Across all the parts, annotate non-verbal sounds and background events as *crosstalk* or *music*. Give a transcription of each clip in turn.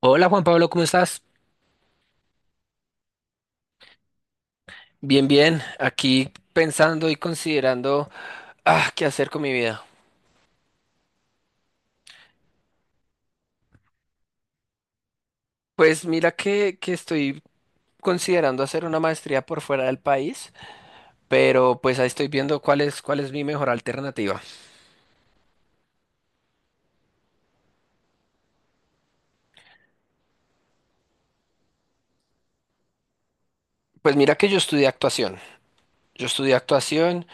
Hola Juan Pablo, ¿cómo estás? Bien, bien, aquí pensando y considerando, ah, qué hacer con mi vida. Pues mira que estoy considerando hacer una maestría por fuera del país, pero pues ahí estoy viendo cuál es mi mejor alternativa. Pues mira que yo estudié actuación. Yo estudié actuación,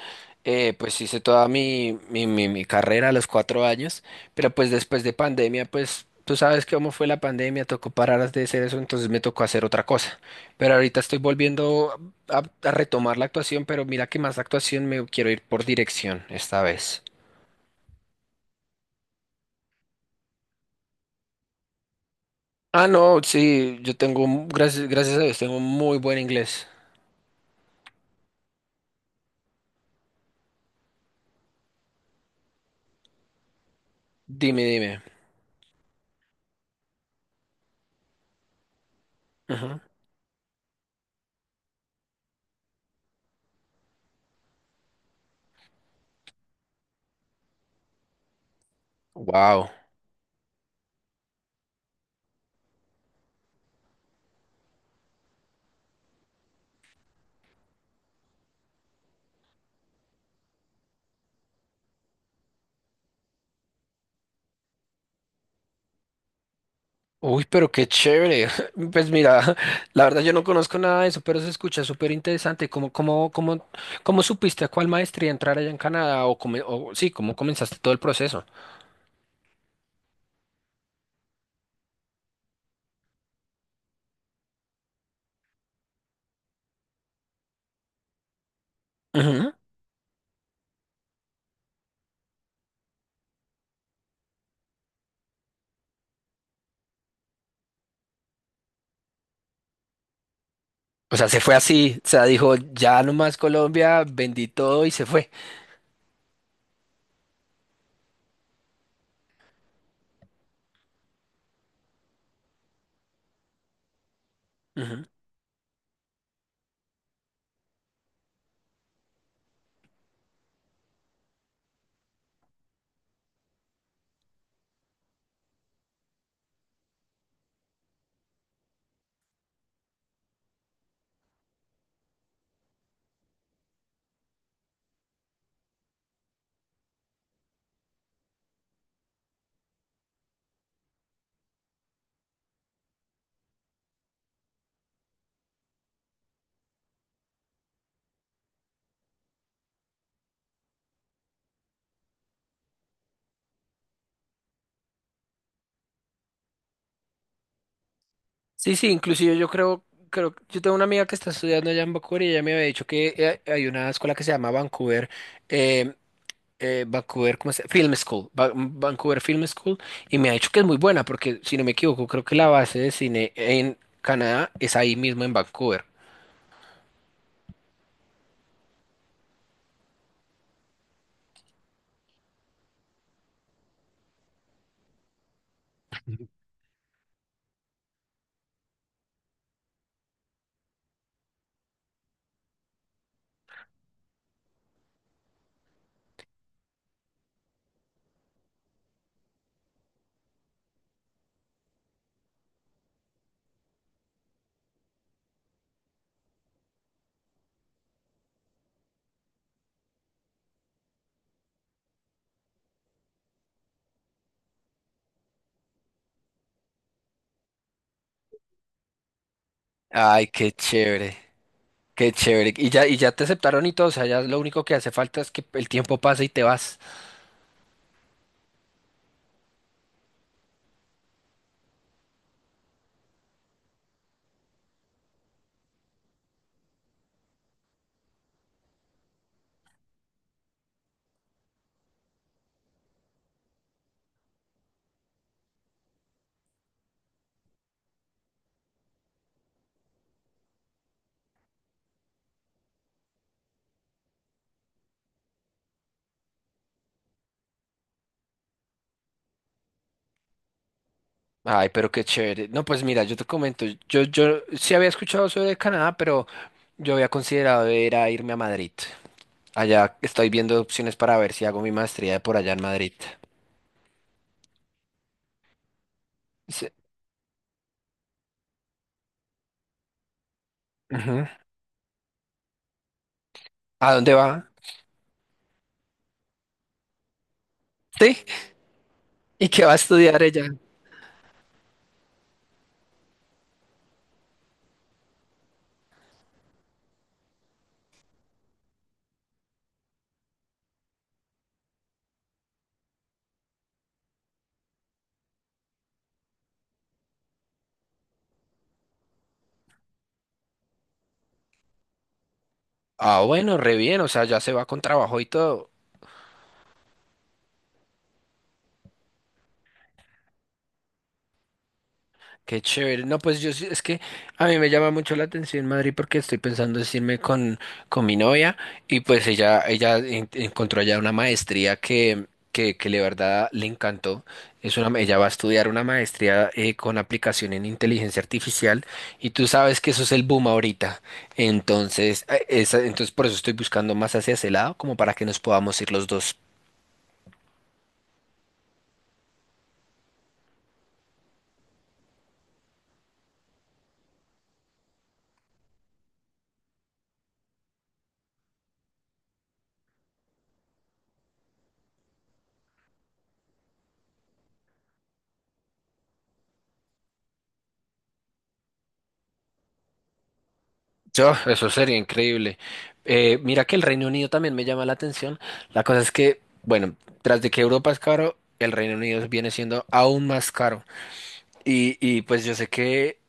pues hice toda mi carrera a los 4 años, pero pues después de pandemia, pues tú sabes cómo fue la pandemia, tocó parar de hacer eso, entonces me tocó hacer otra cosa. Pero ahorita estoy volviendo a retomar la actuación, pero mira que más actuación me quiero ir por dirección esta vez. Ah, no, sí, yo tengo, gracias, gracias a Dios, tengo un muy buen inglés. Dime, dime. Wow. Uy, pero qué chévere. *laughs* Pues mira, la verdad yo no conozco nada de eso, pero se escucha súper interesante. ¿Cómo supiste a cuál maestría entrar allá en Canadá? O sí, ¿cómo comenzaste todo el proceso? Ujú. O sea, se fue así. O sea, dijo, ya nomás Colombia, vendí todo y se fue. Ujú. Sí, sí, inclusive yo creo, yo tengo una amiga que está estudiando allá en Vancouver y ella me había dicho que hay una escuela que se llama eh, Vancouver, ¿cómo se llama? Film School, Vancouver Film School, y me ha dicho que es muy buena, porque si no me equivoco, creo que la base de cine en Canadá es ahí mismo en Vancouver. Ay, qué chévere, qué chévere. Y ya te aceptaron y todo, o sea, ya lo único que hace falta es que el tiempo pase y te vas. Ay, pero qué chévere. No, pues mira, yo te comento, yo sí había escuchado sobre Canadá, pero yo había considerado era irme a Madrid. Allá estoy viendo opciones para ver si hago mi maestría por allá en Madrid. Sí. Ujú. ¿A dónde va? Sí, y que va a estudiar ella. Ah, bueno, re bien, o sea, ya se va con trabajo y todo. Qué chévere. No, pues yo es que a mí me llama mucho la atención Madrid porque estoy pensando en irme con mi novia y pues ella encontró allá una maestría que de verdad le encantó. Ella va a estudiar una maestría con aplicación en inteligencia artificial y tú sabes que eso es el boom ahorita. Entonces, entonces por eso estoy buscando más hacia ese lado como para que nos podamos ir los dos. Oh, eso sería increíble. Mira que el Reino Unido también me llama la atención. La cosa es que, bueno, tras de que Europa es caro, el Reino Unido viene siendo aún más caro. Y pues yo sé que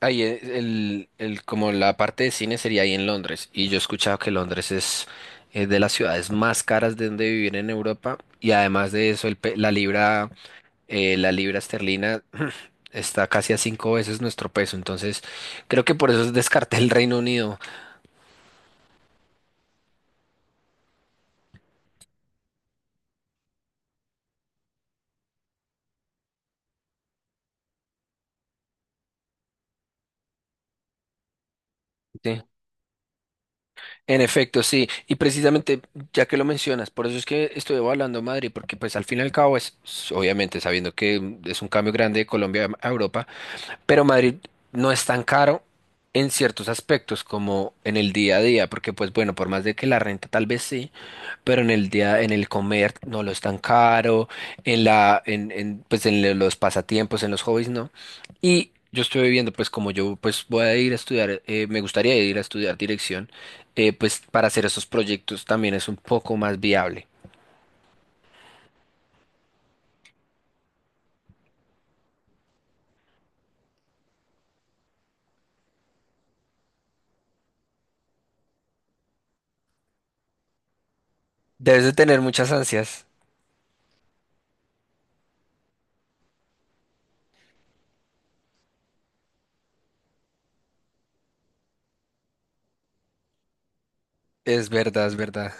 ahí como la parte de cine sería ahí en Londres. Y yo he escuchado que Londres es, de las ciudades más caras de donde vivir en Europa. Y además de eso, el pe- la libra esterlina *clears throat* está casi a cinco veces nuestro peso. Entonces, creo que por eso descarté el Reino Unido. ¿Sí? En efecto, sí. Y precisamente, ya que lo mencionas, por eso es que estoy evaluando Madrid, porque pues al fin y al cabo es, obviamente, sabiendo que es un cambio grande de Colombia a Europa, pero Madrid no es tan caro en ciertos aspectos como en el día a día, porque pues bueno, por más de que la renta tal vez sí pero en el día, en el comer no lo es tan caro, en la, en, pues los pasatiempos, en los hobbies, no. Y yo estoy viendo, pues como yo pues voy a ir a estudiar, me gustaría ir a estudiar dirección, pues para hacer esos proyectos también es un poco más viable. Debes de tener muchas ansias, es verdad, es verdad.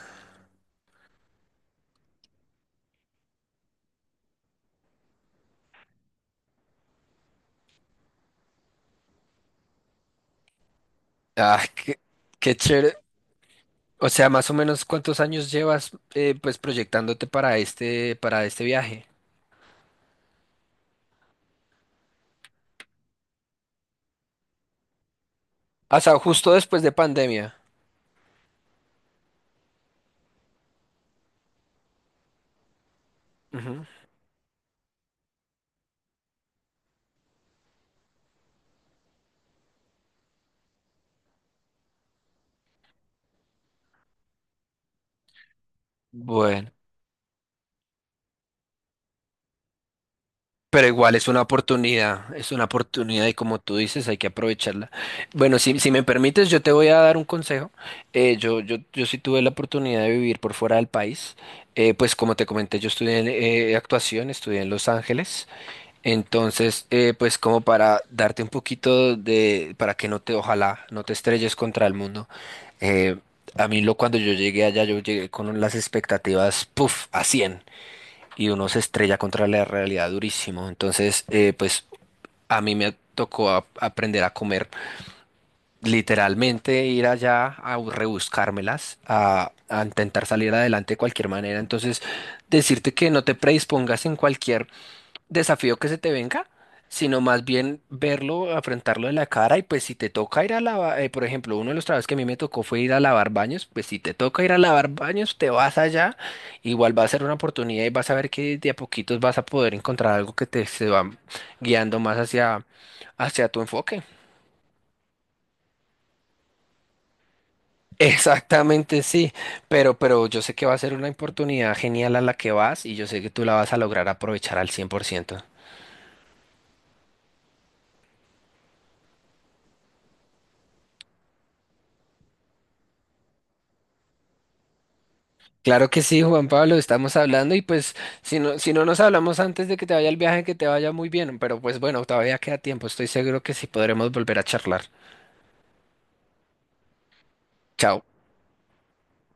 Ah, qué chévere. O sea, más o menos cuántos años llevas pues proyectándote para este viaje. Hasta justo después de pandemia. Ujú. Bueno. Pero igual es una oportunidad y como tú dices, hay que aprovecharla. Bueno, si me permites, yo te voy a dar un consejo. Yo sí tuve la oportunidad de vivir por fuera del país. Pues como te comenté, yo estudié actuación, estudié en Los Ángeles. Entonces, pues como para darte un poquito de, para que no te, ojalá, no te estrelles contra el mundo. eh, cuando yo llegué allá, yo llegué con las expectativas, puff, a 100 y uno se estrella contra la realidad durísimo. Entonces, pues a mí me tocó aprender a comer, literalmente ir allá a rebuscármelas, a intentar salir adelante de cualquier manera. Entonces, decirte que no te predispongas en cualquier desafío que se te venga, sino más bien verlo, afrontarlo de la cara y pues si te toca ir a lavar, por ejemplo, uno de los trabajos que a mí me tocó fue ir a lavar baños, pues si te toca ir a lavar baños, te vas allá, igual va a ser una oportunidad y vas a ver que de a poquitos vas a poder encontrar algo que te se va guiando más hacia tu enfoque. *laughs* Exactamente, sí, pero yo sé que va a ser una oportunidad genial a la que vas y yo sé que tú la vas a lograr aprovechar al 100%. Claro que sí, Juan Pablo, estamos hablando y pues si no, si no nos hablamos antes de que te vaya el viaje, que te vaya muy bien, pero pues bueno, todavía queda tiempo, estoy seguro que sí podremos volver a charlar. Chao.